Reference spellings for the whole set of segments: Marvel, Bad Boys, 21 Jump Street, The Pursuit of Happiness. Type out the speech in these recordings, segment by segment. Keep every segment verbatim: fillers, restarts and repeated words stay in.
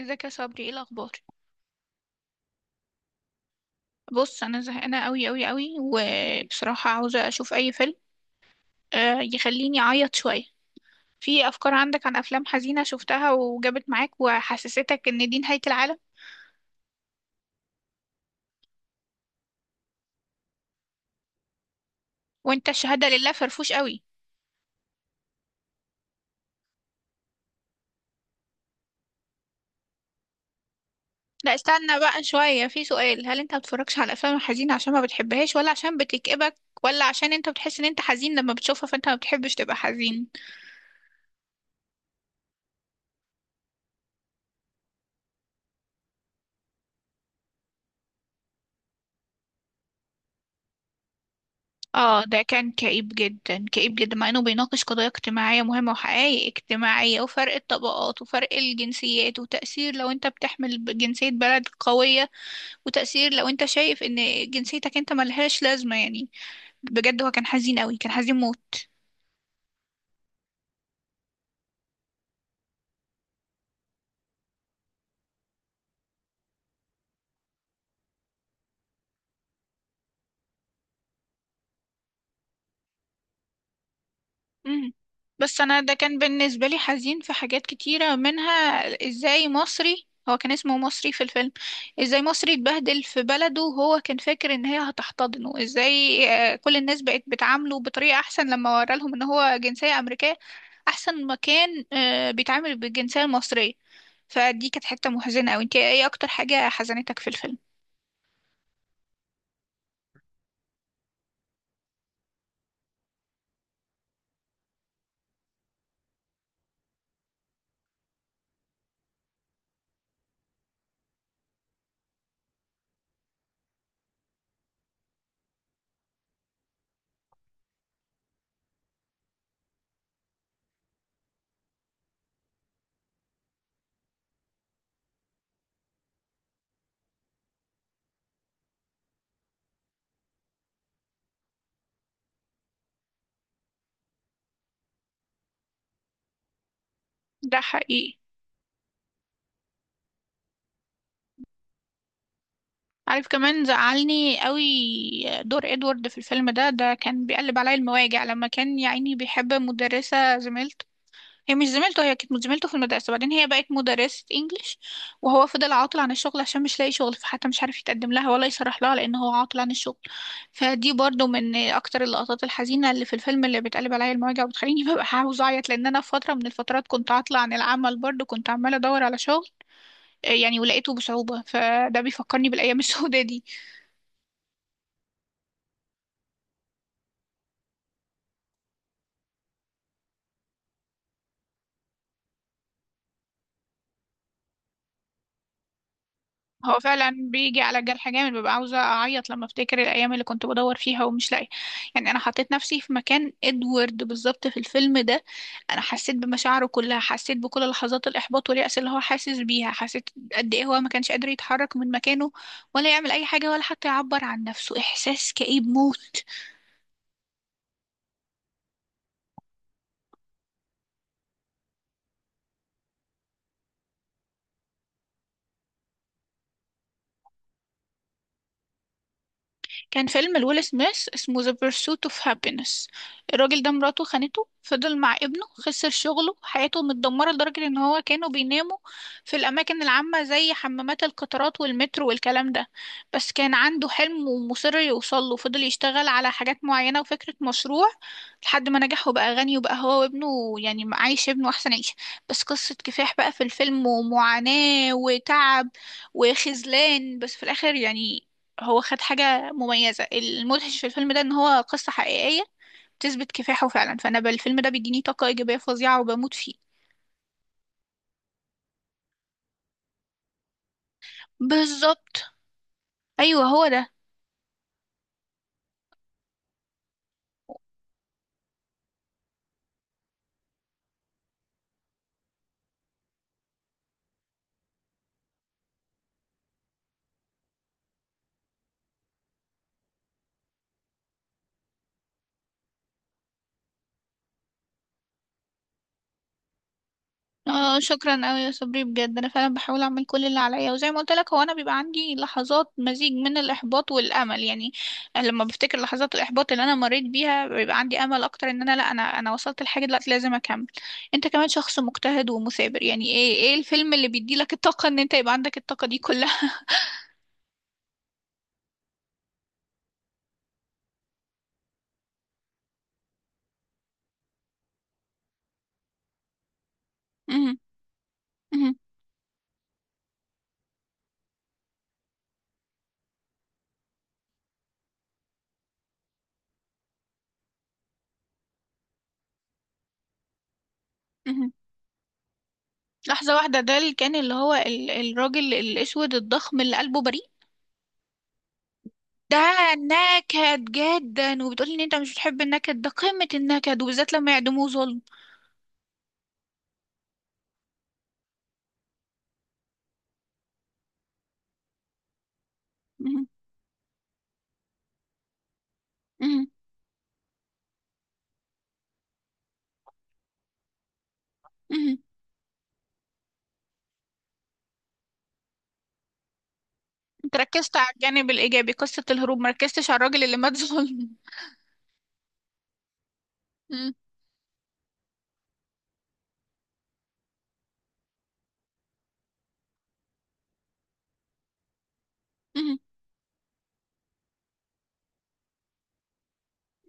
ازيك يا صبري؟ ايه الاخبار؟ بص، انا زهقانه قوي قوي قوي وبصراحه عاوزه اشوف اي فيلم آه، يخليني اعيط شويه. في افكار عندك عن افلام حزينه شفتها وجابت معاك وحسستك ان دي نهايه العالم؟ وانت الشهاده لله فرفوش قوي. لا استنى بقى شويه، في سؤال: هل انت ما بتتفرجش على الافلام الحزينه عشان ما بتحبهاش ولا عشان بتكئبك؟ ولا عشان انت بتحس ان انت حزين لما بتشوفها فانت ما بتحبش تبقى حزين؟ اه ده كان كئيب جدا، كئيب جدا، مع انه بيناقش قضايا اجتماعية مهمة وحقائق اجتماعية وفرق الطبقات وفرق الجنسيات وتأثير لو انت بتحمل ب- جنسية بلد قوية، وتأثير لو انت شايف ان جنسيتك انت ملهاش لازمة يعني. بجد هو كان حزين قوي، كان حزين. مم. بس انا ده كان بالنسبه لي حزين في حاجات كتيره، منها ازاي مصري، هو كان اسمه مصري في الفيلم، ازاي مصري اتبهدل في بلده وهو كان فاكر ان هي هتحتضنه، ازاي آه، كل الناس بقت بتعامله بطريقه احسن لما ورا لهم ان هو جنسيه امريكيه احسن ما كان آه، بيتعامل بالجنسيه المصريه. فدي كانت حته محزنه قوي. انت ايه اكتر حاجه حزنتك في الفيلم؟ ده حقيقي. عارف كمان زعلني قوي دور ادوارد في الفيلم ده. ده كان بيقلب عليا المواجع لما كان يا عيني بيحب مدرسة زميلته. هي مش زميلته، هي كانت زميلته في المدرسة بعدين هي بقت مدرسة انجليش، وهو فضل عاطل عن الشغل عشان مش لاقي شغل، فحتى مش عارف يتقدم لها ولا يصرح لها لأن هو عاطل عن الشغل. فدي برضو من أكتر اللقطات الحزينة اللي في الفيلم، اللي بتقلب عليا المواجع وبتخليني ببقى عاوزة أعيط، لأن أنا في فترة من الفترات كنت عاطلة عن العمل برضو، كنت عمالة أدور على شغل يعني، ولقيته بصعوبة، فده بيفكرني بالأيام السوداء دي. هو فعلا بيجي على جرح جامد، ببقى عاوزة أعيط لما أفتكر الأيام اللي كنت بدور فيها ومش لاقية يعني. أنا حطيت نفسي في مكان إدوارد بالظبط في الفيلم ده. أنا حسيت بمشاعره كلها، حسيت بكل لحظات الإحباط واليأس اللي هو حاسس بيها، حسيت قد إيه هو ما كانش قادر يتحرك من مكانه ولا يعمل أي حاجة ولا حتى يعبر عن نفسه. إحساس كئيب موت. كان فيلم لويل سميث اسمه The Pursuit of Happiness. الراجل ده مراته خانته، فضل مع ابنه، خسر شغله، حياته متدمرة لدرجة ان هو كانوا بيناموا في الأماكن العامة زي حمامات القطارات والمترو والكلام ده. بس كان عنده حلم ومصر يوصله، فضل يشتغل على حاجات معينة وفكرة مشروع لحد ما نجح وبقى غني، وبقى هو وابنه يعني عايش ابنه أحسن عيشة. بس قصة كفاح بقى في الفيلم ومعاناة وتعب وخذلان، بس في الآخر يعني هو خد حاجة مميزة. المدهش في الفيلم ده ان هو قصة حقيقية تثبت كفاحه فعلا، فانا بالفيلم ده بيديني طاقة ايجابية فظيعة وبموت فيه. بالظبط. ايوه هو ده. اه شكرا قوي يا صبري، بجد انا فعلا بحاول اعمل كل اللي عليا، وزي ما قلت لك هو انا بيبقى عندي لحظات مزيج من الاحباط والامل يعني. لما بفتكر لحظات الاحباط اللي انا مريت بيها بيبقى عندي امل اكتر ان انا، لا انا انا وصلت لحاجه دلوقتي، لازم اكمل. انت كمان شخص مجتهد ومثابر يعني، ايه ايه الفيلم اللي بيدي لك الطاقه ان انت يبقى عندك الطاقه دي كلها؟ مهم. مهم. لحظة واحدة، ده اللي كان اللي هو ال- الراجل الأسود الضخم اللي قلبه بريء؟ ده نكد جدا، وبتقولي إن أنت مش بتحب النكد، ده قمة النكد، وبالذات لما يعدموه ظلم. مهم. مهم. مهم. أنت ركزت على الجانب الإيجابي، قصة الهروب، مركزتش على الراجل اللي مات ظلم. مهم. مهم.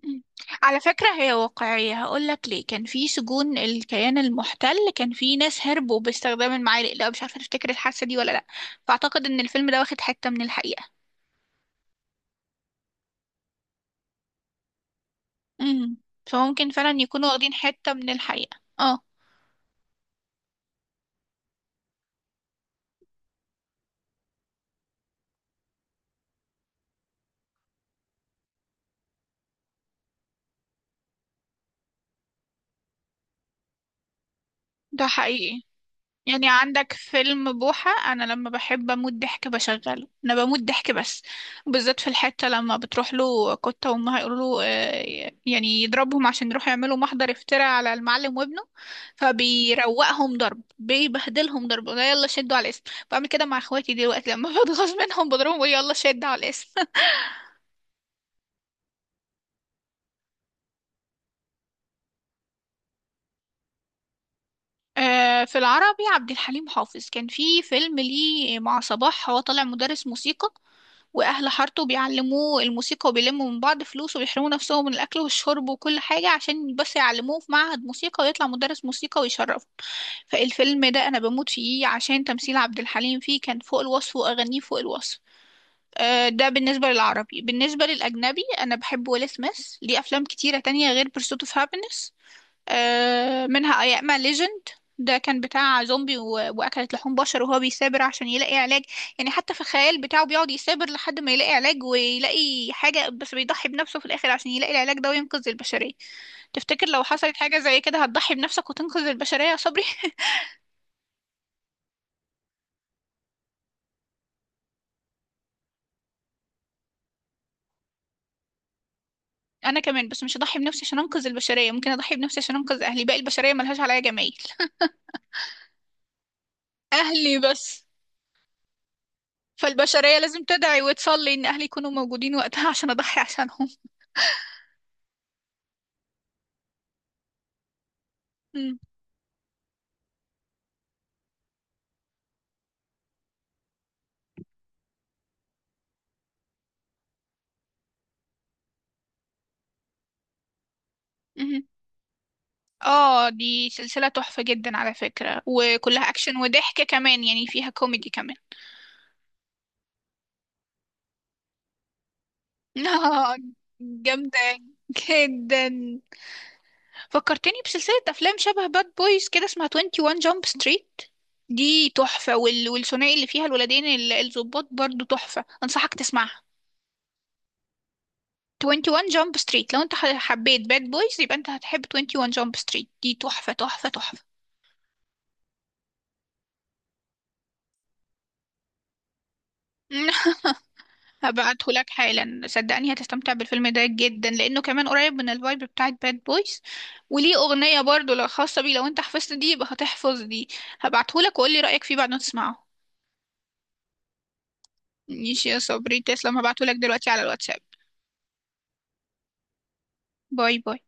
مهم. على فكرة هي واقعية، هقولك ليه. كان في سجون الكيان المحتل كان في ناس هربوا باستخدام المعالق، لا مش عارفة تفتكر الحادثة دي ولا لأ. فأعتقد إن الفيلم ده واخد حتة من الحقيقة. امم فممكن فعلا يكونوا واخدين حتة من الحقيقة، اه. ده حقيقي. يعني عندك فيلم بوحة، انا لما بحب اموت ضحك بشغله، انا بموت ضحك بس، بالذات في الحتة لما بتروح له كتة وامها يقولوا له آه، يعني يضربهم عشان يروحوا يعملوا محضر افتراء على المعلم وابنه، فبيروقهم ضرب، بيبهدلهم ضرب، يلا شدوا على الاسم. بعمل كده مع اخواتي دلوقتي لما بتغاظ منهم، بضربهم بقول يلا شدوا على الاسم. آه، في العربي عبد الحليم حافظ كان في فيلم ليه مع صباح، هو طالع مدرس موسيقى واهل حارته بيعلموه الموسيقى وبيلموا من بعض فلوس وبيحرموا نفسهم من الاكل والشرب وكل حاجه عشان بس يعلموه في معهد موسيقى ويطلع مدرس موسيقى ويشرفه. فالفيلم ده انا بموت فيه عشان تمثيل عبد الحليم فيه كان فوق الوصف واغانيه فوق الوصف. آه، ده بالنسبه للعربي. بالنسبه للاجنبي انا بحب ويل سميث، ليه افلام كتيره تانية غير Pursuit of Happiness، آه، منها أياما ليجند. ده كان بتاع زومبي و- وأكلت لحوم بشر، وهو بيثابر عشان يلاقي علاج، يعني حتى في الخيال بتاعه بيقعد يثابر لحد ما يلاقي علاج ويلاقي حاجة، بس بيضحي بنفسه في الآخر عشان يلاقي العلاج ده وينقذ البشرية. تفتكر لو حصلت حاجة زي كده هتضحي بنفسك وتنقذ البشرية يا صبري؟ أنا كمان، بس مش هضحي بنفسي عشان أنقذ البشرية، ممكن أضحي بنفسي عشان أنقذ أهلي، باقي البشرية ملهاش عليا جمايل. أهلي بس. فالبشرية لازم تدعي وتصلي إن أهلي يكونوا موجودين وقتها عشان أضحي عشانهم. مم. اه دي سلسلة تحفة جدا على فكرة، وكلها اكشن وضحك كمان، يعني فيها كوميدي كمان. اه جامدة جدا. فكرتني بسلسلة افلام شبه باد بويز كده، اسمها واحد وعشرين جامب ستريت. دي تحفة، وال... والثنائي اللي فيها الولدين ال- الضباط برضو تحفة، انصحك تسمعها. واحد وعشرين جامب ستريت، لو انت ح- حبيت باد بويز يبقى انت هتحب واحد وعشرين جامب ستريت، دي تحفة تحفة تحفة. هبعته لك حالا، صدقني هتستمتع بالفيلم ده جدا لانه كمان قريب من الفايب بتاعت باد بويز. وليه اغنيه برضو لو خاصه بيه، لو انت حفظت دي يبقى هتحفظ دي. هبعته لك وقول لي رايك فيه بعد ما تسمعه. ماشي يا صبري، تسلم. هبعته لك دلوقتي على الواتساب. باي باي.